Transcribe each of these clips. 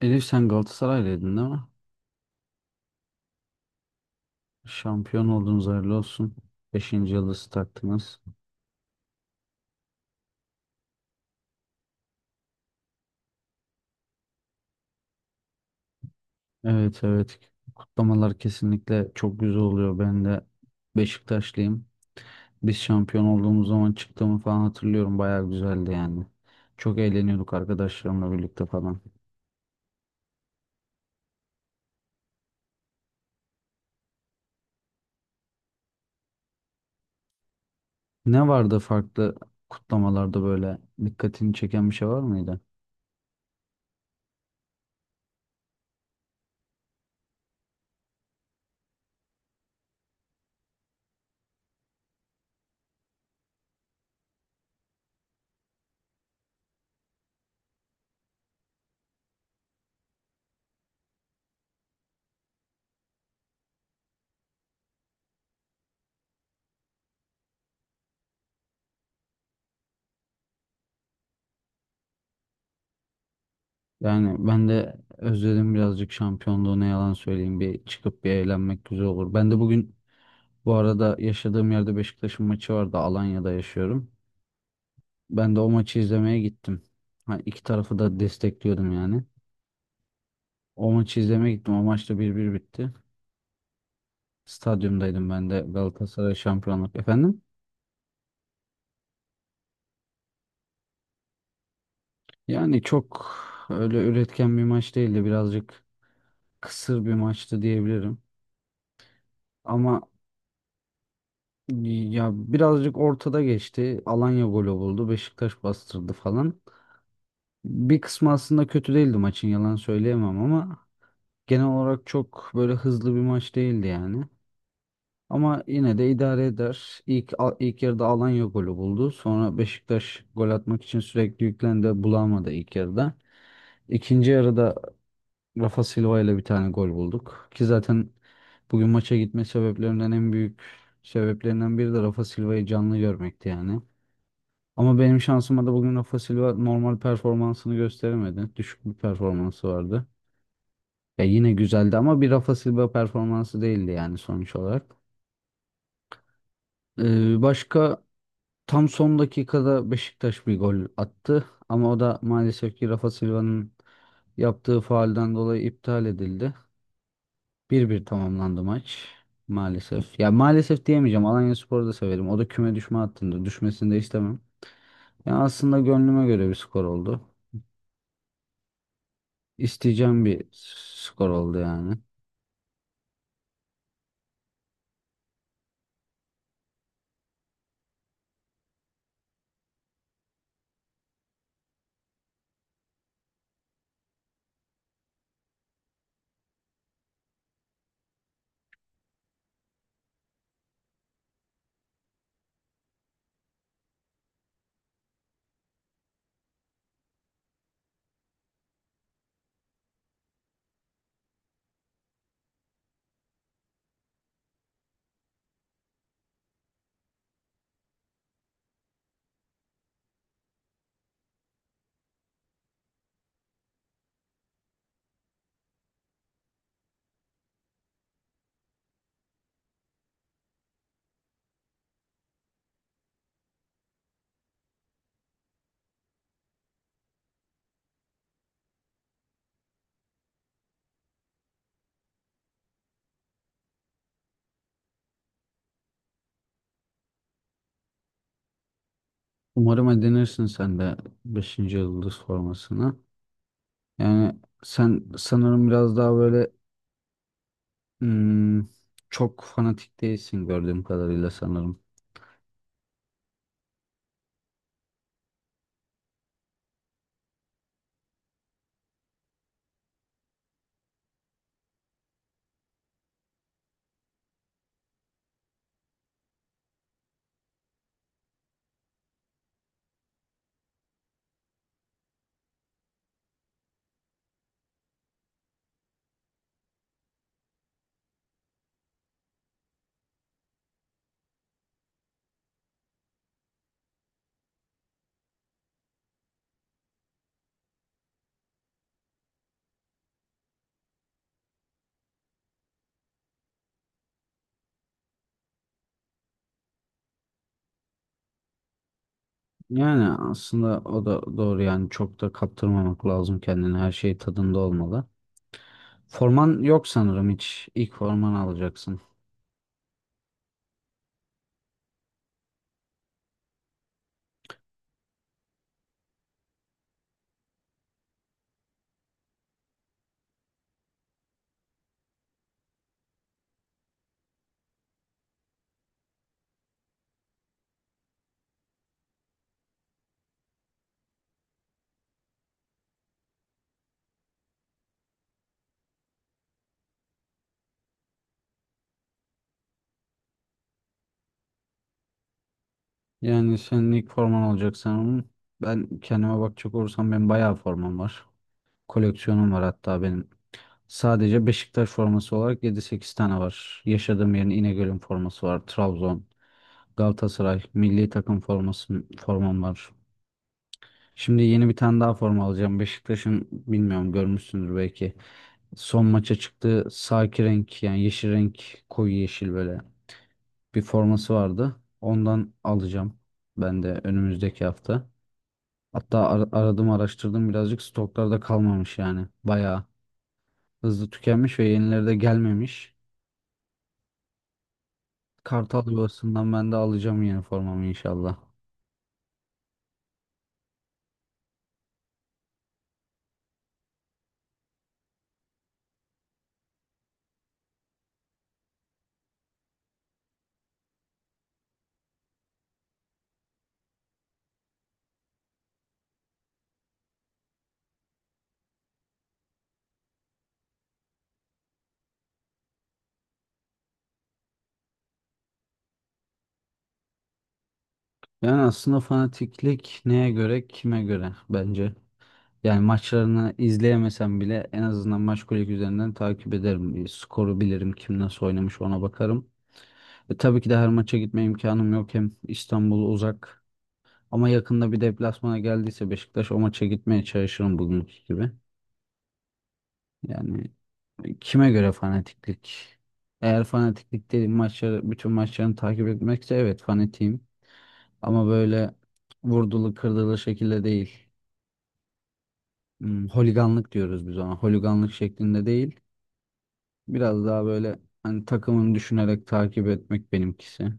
Elif sen Galatasaraylıydın değil mi? Şampiyon oldunuz hayırlı olsun. Beşinci yıldızı taktınız. Evet evet, kutlamalar kesinlikle çok güzel oluyor. Ben de Beşiktaşlıyım. Biz şampiyon olduğumuz zaman çıktığımı falan hatırlıyorum. Bayağı güzeldi yani. Çok eğleniyorduk arkadaşlarımla birlikte falan. Ne vardı farklı kutlamalarda böyle dikkatini çeken bir şey var mıydı? Yani ben de özledim birazcık şampiyonluğu, ne yalan söyleyeyim, bir çıkıp bir eğlenmek güzel olur. Ben de bugün Bu arada yaşadığım yerde Beşiktaş'ın maçı vardı. Alanya'da yaşıyorum. Ben de o maçı izlemeye gittim. Ha, iki tarafı da destekliyordum yani. O maçı izlemeye gittim. O maçta 1-1 bitti. Stadyumdaydım ben de Galatasaray şampiyonluk. Efendim? Yani çok öyle üretken bir maç değildi. Birazcık kısır bir maçtı diyebilirim. Ama ya birazcık ortada geçti. Alanya golü buldu. Beşiktaş bastırdı falan. Bir kısmı aslında kötü değildi maçın, yalan söyleyemem, ama genel olarak çok böyle hızlı bir maç değildi yani. Ama yine de idare eder. İlk yarıda Alanya golü buldu. Sonra Beşiktaş gol atmak için sürekli yüklendi. Bulamadı ilk yarıda. İkinci yarıda Rafa Silva ile bir tane gol bulduk. Ki zaten bugün maça gitme sebeplerinden en büyük sebeplerinden biri de Rafa Silva'yı canlı görmekti yani. Ama benim şansıma da bugün Rafa Silva normal performansını gösteremedi. Düşük bir performansı vardı. Ya yine güzeldi ama bir Rafa Silva performansı değildi yani sonuç olarak. Başka tam son dakikada Beşiktaş bir gol attı, ama o da maalesef ki Rafa Silva'nın yaptığı faalden dolayı iptal edildi. 1-1 tamamlandı maç maalesef. Ya maalesef diyemeyeceğim. Alanyaspor'u da severim. O da küme düşme hattında. Düşmesini de istemem. Ya aslında gönlüme göre bir skor oldu. İsteyeceğim bir skor oldu yani. Umarım edinirsin sen de beşinci yıldız formasını. Yani sen sanırım biraz daha böyle hmm, çok fanatik değilsin gördüğüm kadarıyla sanırım. Yani aslında o da doğru yani, çok da kaptırmamak lazım kendini, her şey tadında olmalı. Forman yok sanırım, hiç ilk forman alacaksın. Yani senin ilk forman olacak sanırım. Ben kendime bakacak olursam benim bayağı formam var. Koleksiyonum var hatta benim. Sadece Beşiktaş forması olarak yedi sekiz tane var. Yaşadığım yerin, İnegöl'ün forması var. Trabzon. Galatasaray milli takım formam var. Şimdi yeni bir tane daha forma alacağım. Beşiktaş'ın, bilmiyorum görmüşsündür belki. Son maça çıktığı saki renk, yani yeşil renk, koyu yeşil böyle bir forması vardı. Ondan alacağım ben de önümüzdeki hafta. Hatta aradım araştırdım birazcık, stoklarda kalmamış yani. Bayağı hızlı tükenmiş ve yenileri de gelmemiş. Kartal yuvasından ben de alacağım yeni formamı inşallah. Yani aslında fanatiklik neye göre, kime göre bence. Yani maçlarını izleyemesem bile en azından maç kulübü üzerinden takip ederim. Bir skoru bilirim, kim nasıl oynamış ona bakarım. Tabii ki de her maça gitme imkanım yok. Hem İstanbul uzak ama yakında bir deplasmana geldiyse Beşiktaş, o maça gitmeye çalışırım bugünkü gibi. Yani kime göre fanatiklik? Eğer fanatiklik dediğim maçları, bütün maçlarını takip etmekse, evet fanatiyim. Ama böyle vurdulu kırdılı şekilde değil. Holiganlık diyoruz biz ona. Holiganlık şeklinde değil. Biraz daha böyle hani takımını düşünerek takip etmek benimkisi.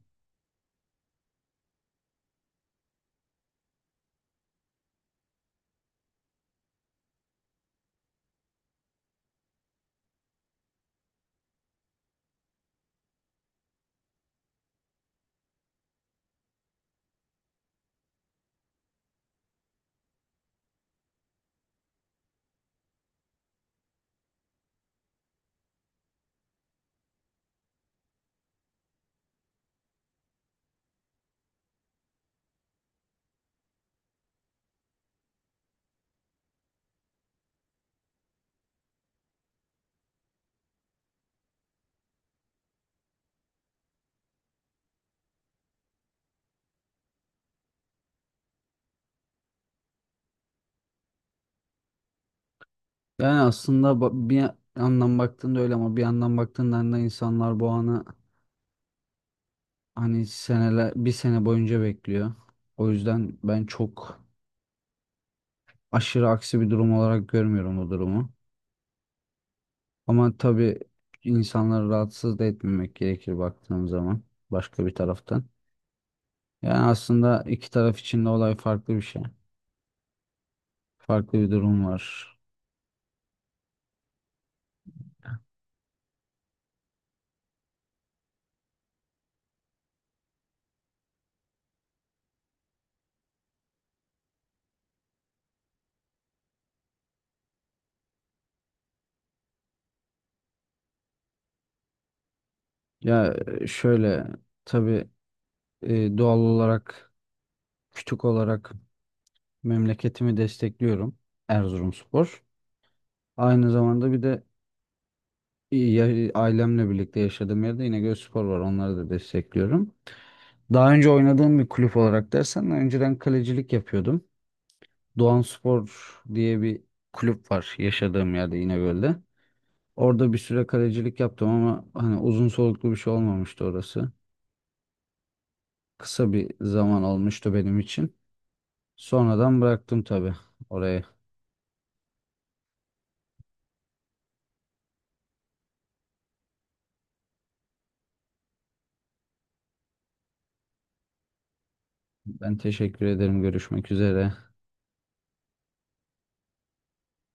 Yani aslında bir yandan baktığında öyle, ama bir yandan baktığında da insanlar bu anı, hani seneler, bir sene boyunca bekliyor. O yüzden ben çok aşırı aksi bir durum olarak görmüyorum o durumu. Ama tabii insanları rahatsız da etmemek gerekir baktığım zaman başka bir taraftan. Yani aslında iki taraf için de olay farklı bir şey. Farklı bir durum var. Ya şöyle, tabii doğal olarak, küçük olarak memleketimi destekliyorum, Erzurumspor. Aynı zamanda bir de ailemle birlikte yaşadığım yerde İnegölspor var. Onları da destekliyorum. Daha önce oynadığım bir kulüp olarak dersen, önceden kalecilik yapıyordum. Doğanspor diye bir kulüp var yaşadığım yerde, İnegöl'de. Orada bir süre kalecilik yaptım ama hani uzun soluklu bir şey olmamıştı orası. Kısa bir zaman olmuştu benim için. Sonradan bıraktım tabii orayı. Ben teşekkür ederim. Görüşmek üzere.